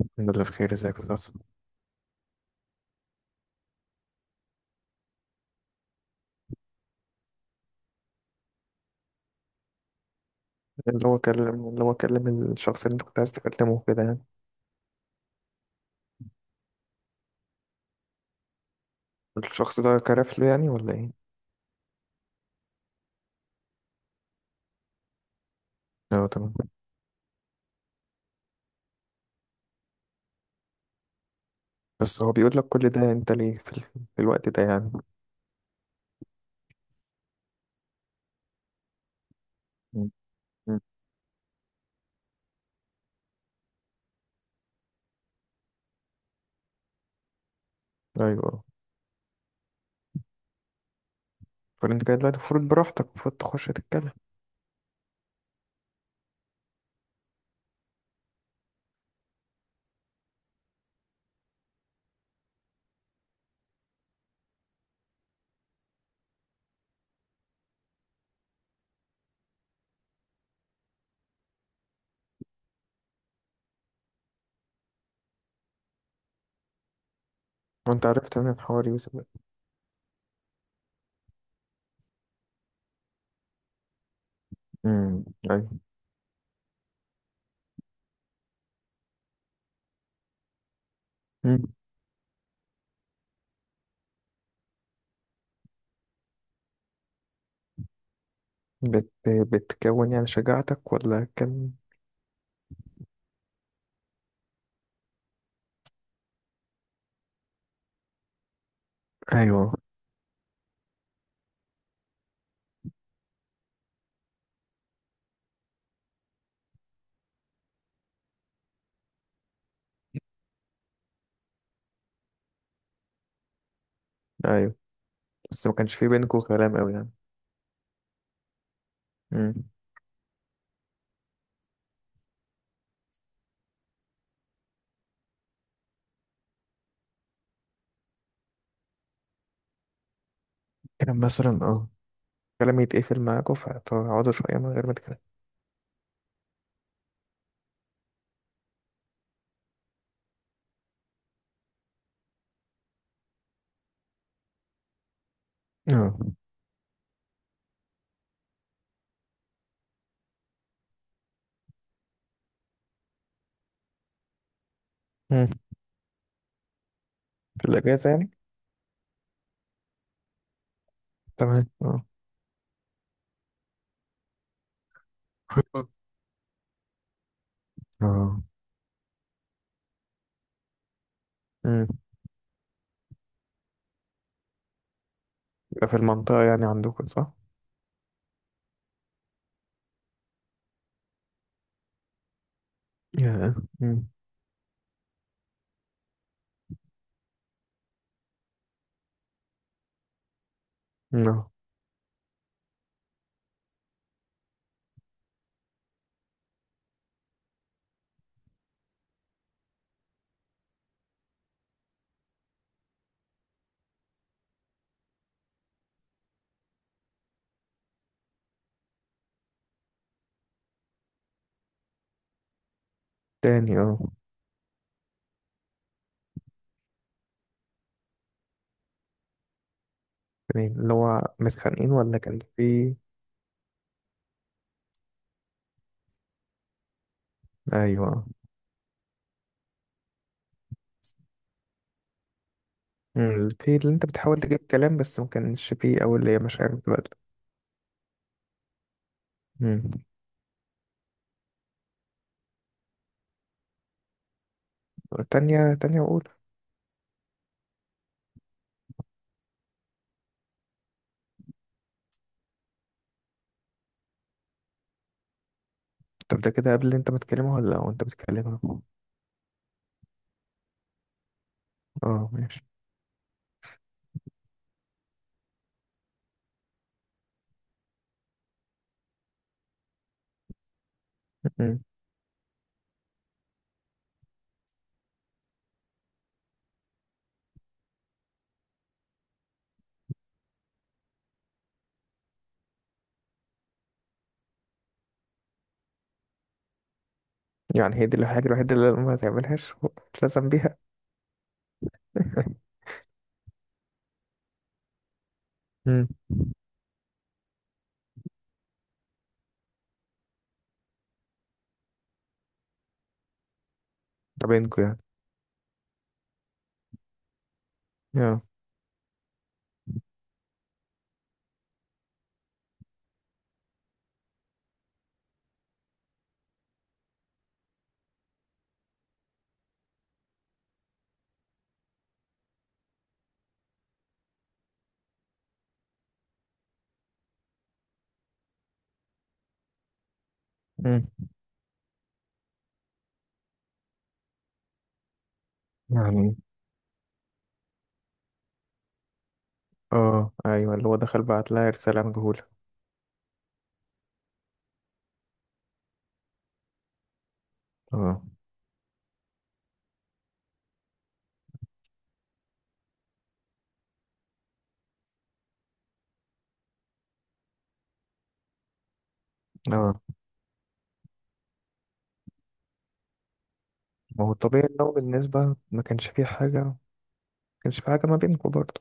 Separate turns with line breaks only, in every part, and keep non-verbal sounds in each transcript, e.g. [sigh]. الحمد لله بخير ازيك يا أستاذ؟ اللي هو كلم الشخص اللي انت كنت عايز تكلمه كده يعني. الشخص ده كرف له يعني ولا ايه؟ اه، تمام. بس هو بيقول لك كل ده انت ليه في الوقت ده يعني. م- م. ايوه. فانت كده دلوقتي المفروض براحتك، المفروض تخش تتكلم. وانت عرفت من الحوار يوسف؟ امم. ايوه. م. بتكون يعني شجاعتك ولا كان؟ ايوه. ايوه، بس ما كانش في بينكم كلام قوي يعني. امم. كان مثلا كلام يتقفل معاكوا فتقعدوا شويه من غير ما تتكلموا. اه. مم. في الأجازة يعني. تمام اه. اه. مم. ده في المنطقة يعني عندكم صح؟ مم. اه. تاني اه. تاني، اللي هو متخانقين ولا كان في. ايوه. مم. في اللي انت بتحاول تجيب كلام بس ما كانش فيه، أو اللي هي مشاعر بتبادل. مم. تانية تانية وأولى. طب ده كده قبل اللي انت بتكلمها ولا وانت بتكلمها؟ اه، ماشي. مم. يعني هي دي الحاجة الوحيدة اللي ما تعملهاش وتلزم بيها. [laughs] مم. ده بينكوا يعني. اه. مم. يعني، اه، ايوه اللي هو دخل بعت لها رسالة مجهولة. اه. اه، ما هو الطبيعي ان هو بالنسبة ما كانش فيه حاجة ما كانش فيه حاجة ما بينكم برضه.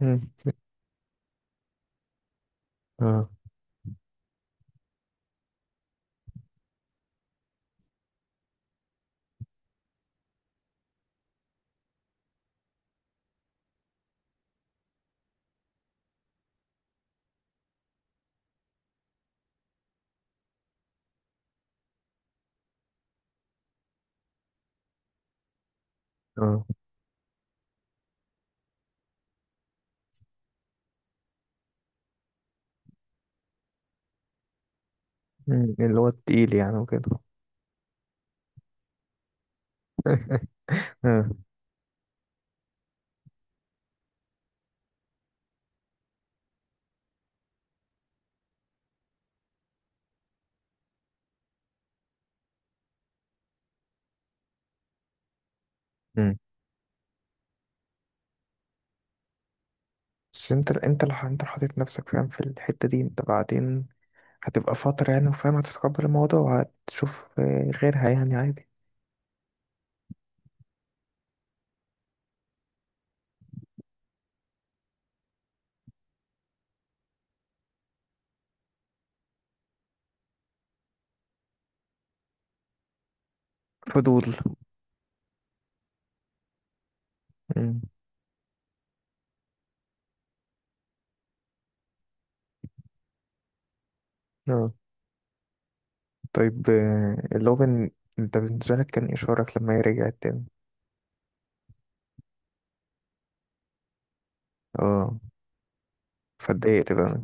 مم. اه. اه. مم. اللي هو التقيل يعني وكده. [laughs] اه. مم. بس انت اللي حاطط نفسك فاهم في الحتة دي. انت بعدين هتبقى فترة يعني، وفاهم هتتقبل الموضوع. هتشوف غيرها يعني عادي. فضول. مم. اه. طيب اللي هو انت بالنسبة لك كان ايه شعورك لما هي رجعت تاني؟ اه، فاتضايقت بقى.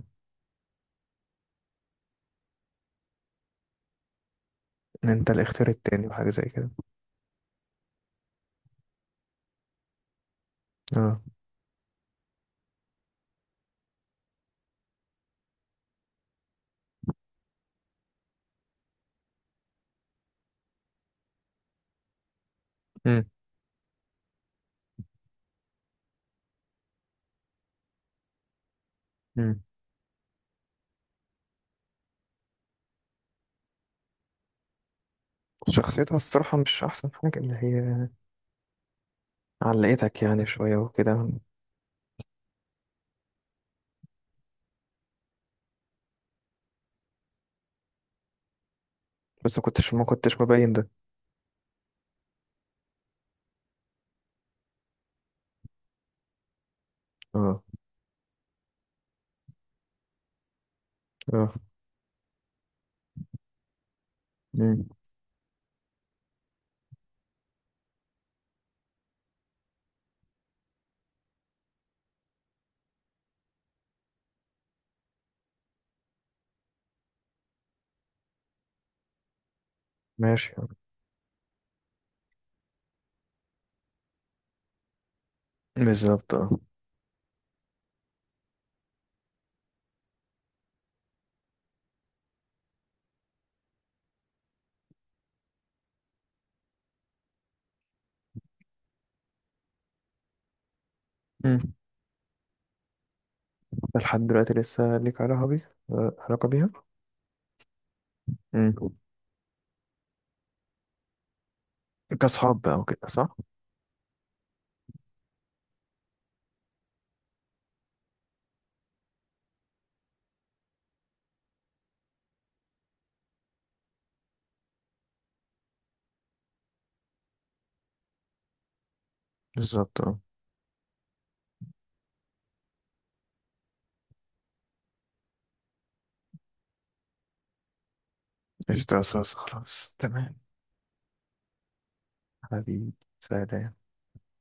ان انت الاختيار التاني وحاجه زي كده. اه. امم. امم. شخصيتها الصراحه مش احسن حاجه، اللي هي علقتك يعني شويه وكده. بس ما كنتش مبين ده. اه. اه. امم. ماشي. بالظبط اه. امم. ده لحد دلوقتي لسه ليك علاقه بيها آه، علاقه بيها امم. كاصحاب بقى وكده صح؟ بالظبط اه. قشطة يا أستاذ، خلاص تمام. حبيبي. سلام.